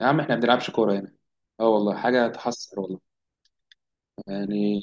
يا عم احنا ما بنلعبش كورة هنا. اه والله، حاجة تحسر والله. يعني،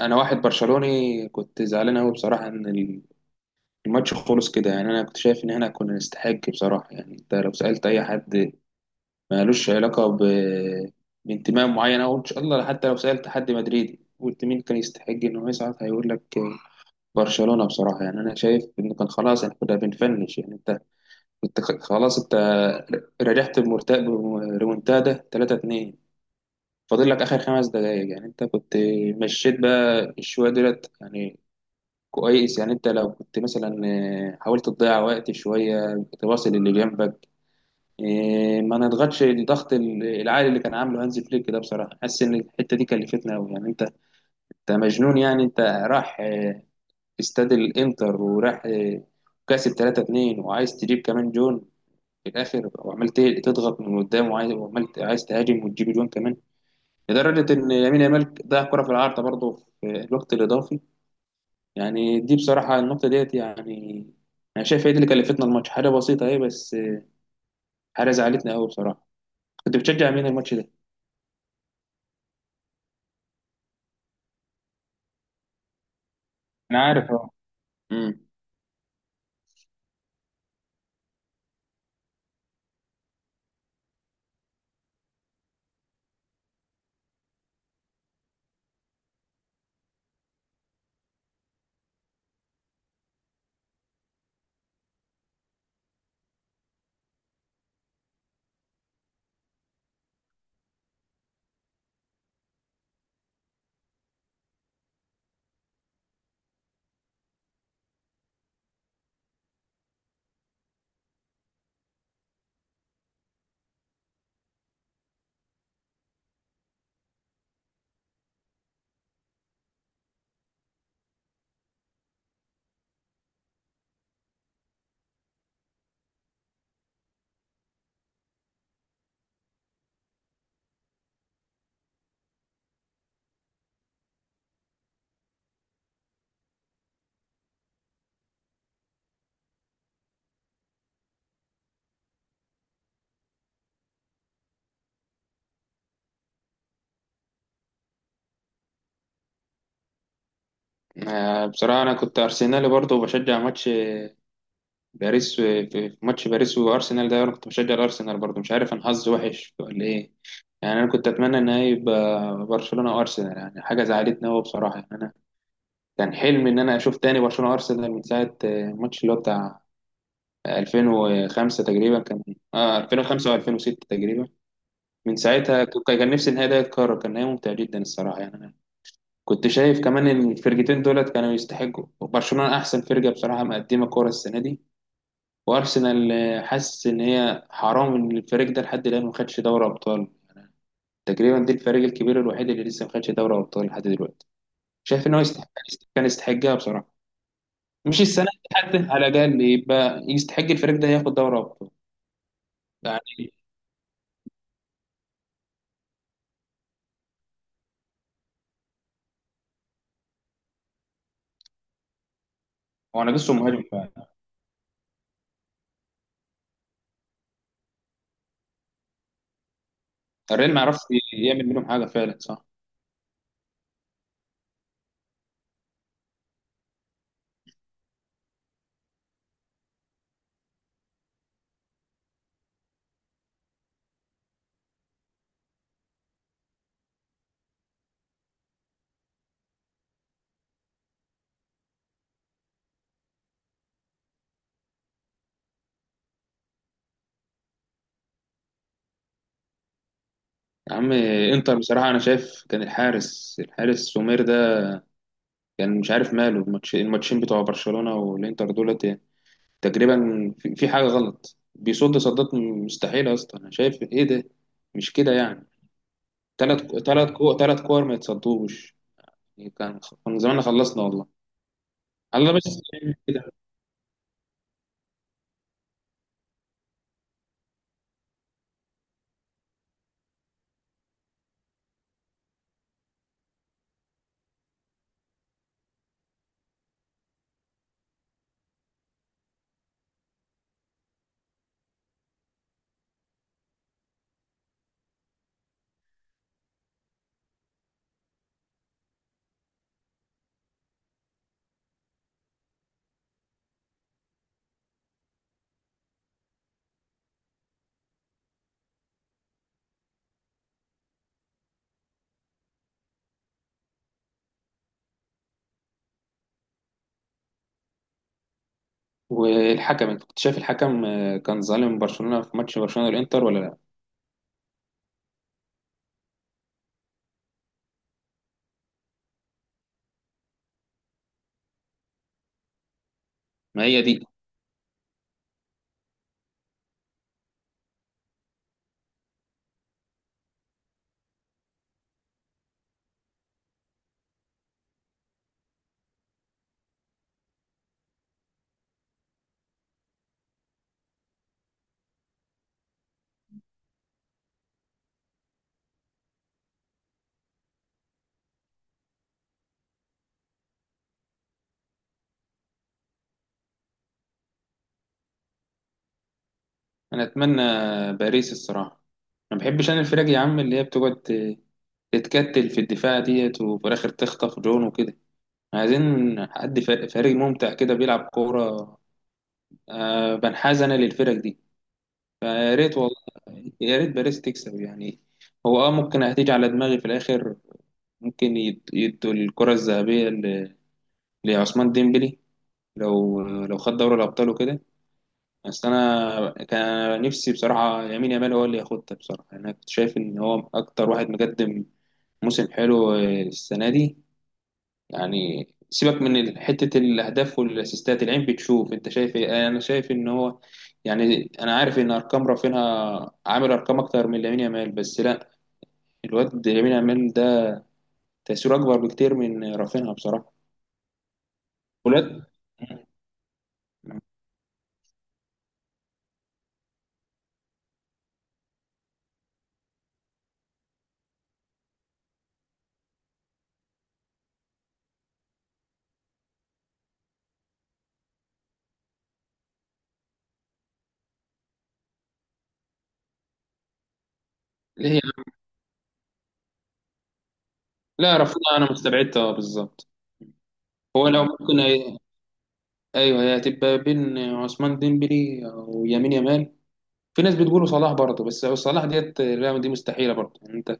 انا واحد برشلوني كنت زعلان قوي بصراحة ان الماتش خلص كده. يعني انا كنت شايف ان احنا كنا نستحق بصراحة. يعني انت لو سألت اي حد مالوش علاقة بانتماء معين او ان شاء الله، حتى لو سألت حد مدريدي قلت مين كان يستحق انه يصعد، هيقول لك برشلونة بصراحة. يعني انا شايف ان كان خلاص احنا كنا بنفنش. يعني انت كنت خلاص، انت رجعت بمرتاح بريمونتادا 3-2، فاضل لك اخر خمس دقايق. يعني انت كنت مشيت بقى شويه دولت يعني. كويس يعني. انت لو كنت مثلا حاولت تضيع وقت شويه، تواصل اللي جنبك، ما نضغطش الضغط العالي اللي كان عامله هانز فليك، ده بصراحه حاسس ان الحته دي كلفتنا قوي. يعني انت مجنون. يعني انت راح استاد الانتر وراح كاسب 3-2، وعايز تجيب كمان جون في الاخر، تضغط من قدام، عايز تهاجم وتجيب جون كمان، لدرجة إن يمين يامال ضيع كرة في العارضة برضه في الوقت الإضافي. يعني دي بصراحة النقطة ديت. يعني أنا شايف هي دي اللي كلفتنا الماتش، حاجة بسيطة أهي، بس حاجة زعلتنا أوي بصراحة. كنت بتشجع مين الماتش ده؟ انا عارف اه. امم. بصراحة أنا كنت أرسنالي برضه، وبشجع ماتش باريس في ماتش باريس وأرسنال ده، أنا كنت بشجع الأرسنال برضه. مش عارف أنا حظي وحش ولا إيه. يعني أنا كنت أتمنى إن هي يبقى برشلونة وأرسنال. يعني حاجة زعلتني أوي بصراحة. يعني أنا كان حلمي ان انا اشوف تاني برشلونه وارسنال من ساعه الماتش اللي هو بتاع 2005 تقريبا كان. اه 2005 و2006 تقريبا. من ساعتها كان نفسي النهائي ده يتكرر. كان نهائي ممتع جدا الصراحه. يعني انا كنت شايف كمان إن الفرقتين دولت كانوا يستحقوا. برشلونه احسن فرقه بصراحه مقدمه كوره السنه دي. وارسنال حاسس ان هي حرام ان الفريق ده لحد الان ما خدش دوري ابطال. تقريبا دي الفريق الكبير الوحيد اللي لسه ما خدش دوري ابطال لحد دلوقتي. شايف ان هو يستحق، كان يستحقها بصراحه. مش السنه دي حتى، على الاقل يبقى يستحق الفريق ده ياخد دوري ابطال. يعني هو انا لسه مهاجم فعلا. الريال ما يعرفش يعمل منهم حاجه فعلا، صح. يا عم انتر بصراحه، انا شايف كان الحارس، الحارس سومير ده كان مش عارف ماله. الماتش، الماتشين بتوع برشلونه والانتر دولت، يعني تقريبا في حاجه غلط. بيصد صدات مستحيله اصلا. انا شايف ايه ده، مش كده يعني. تلات كور ما يتصدوش. كان زماننا خلصنا والله. الله بس، كده. والحكم، انت كنت شايف الحكم كان ظالم برشلونة في ماتش برشلونة والانتر ولا لا؟ ما هي دي. انا اتمنى باريس الصراحة. ما بحبش انا الفرق يا عم اللي هي بتقعد تتكتل في الدفاع ديت وفي الاخر تخطف جون وكده. عايزين حد فريق ممتع كده بيلعب كورة. بنحاز انا للفرق دي. فيا ريت والله، يا ريت باريس تكسب يعني. هو اه ممكن هتيجي على دماغي في الاخر. ممكن يدوا الكرة الذهبية لعثمان ديمبلي، لو لو خد دوري الابطال وكده. بس انا كان نفسي بصراحه يمين يامال هو اللي ياخدها بصراحه. يعني انا كنت شايف ان هو اكتر واحد مقدم موسم حلو السنه دي. يعني سيبك من حته الاهداف والاسيستات، العين بتشوف. انت شايف ايه؟ انا شايف ان هو، يعني انا عارف ان ارقام رافينها عامل ارقام اكتر من لامين يامال، بس لا، الواد لامين يامال ده تاثيره اكبر بكتير من رافينها بصراحه. ولاد. ليه؟ لا رافينها انا مستبعدها بالظبط. هو لو ممكن، ايوه هي هتبقى بين عثمان ديمبلي ويمين يامال. في ناس بتقول صلاح برضه، بس صلاح ديت الرقم دي مستحيله برضه. يعني انت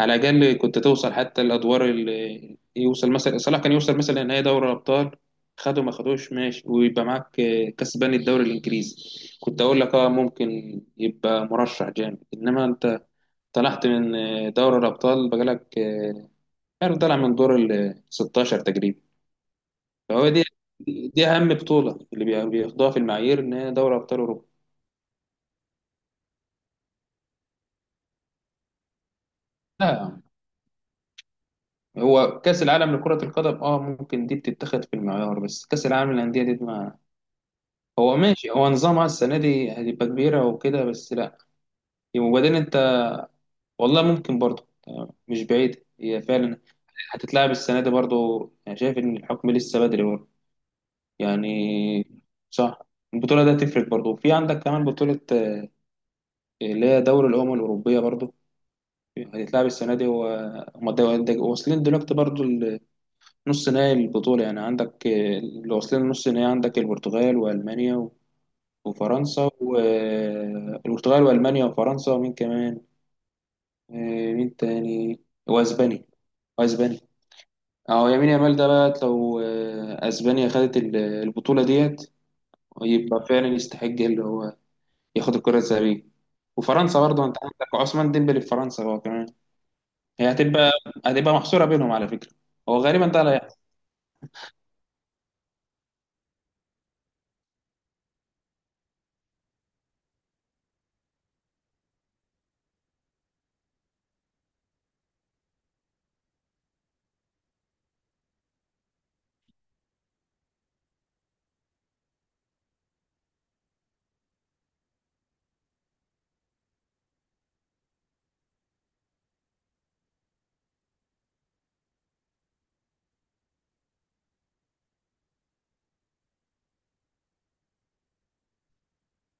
على الاقل كنت توصل حتى الادوار اللي يوصل. مثلا صلاح كان يوصل مثلا نهائي دوري الابطال، خده ما خدوش ماشي، ويبقى معاك كسبان الدوري الانجليزي، كنت اقول لك اه ممكن يبقى مرشح جامد. انما انت طلعت من دوري الابطال بقالك، عارف، طالع من دور ال 16 تقريبا. فهو دي اهم بطوله اللي بياخدوها في المعايير، ان هي دوري ابطال اوروبا. لا يا عم. هو كاس العالم لكره القدم اه ممكن دي بتتخذ في المعيار، بس كاس العالم للانديه دي ما، هو ماشي، هو نظامها السنه دي هتبقى كبيره وكده بس لا. وبعدين انت، والله ممكن برضه مش بعيد هي فعلا هتتلعب السنه دي برضه. انا شايف ان الحكم لسه بدري برضه يعني. صح. البطوله دي هتفرق برضه. في عندك كمان بطوله اللي هي دوري الامم الاوروبيه برضه، هيتلعب السنة دي وهم واصلين دلوقتي برضو نص نهائي البطولة. يعني عندك اللي واصلين نص نهائي، عندك البرتغال وألمانيا وفرنسا والبرتغال وألمانيا وفرنسا ومين كمان، مين تاني، وأسبانيا. وأسبانيا. أهو يمين يامال ده بقى، لو أسبانيا خدت البطولة ديت، يبقى فعلا يستحق اللي هو ياخد الكرة الذهبية. وفرنسا برضه، أنت عندك عثمان ديمبلي في فرنسا هو كمان. هي هتبقى محصورة بينهم على فكرة. هو غالبا ده اللي هيحصل.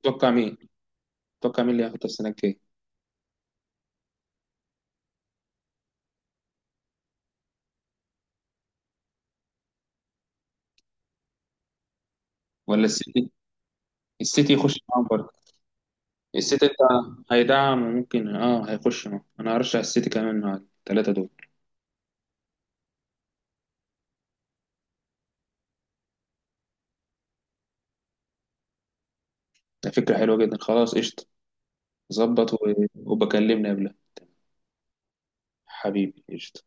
تتوقع مين تتوقع مين اللي هياخد السنة الجاية؟ ولا السيتي؟ السيتي يخش معاهم برضه. السيتي انت هيدعم، وممكن اه هيخش معاهم. انا هرشح السيتي كمان مع الثلاثة دول. ده فكرة حلوة جدا. خلاص قشطة. ظبط وبكلمني قبلها. حبيبي قشطة.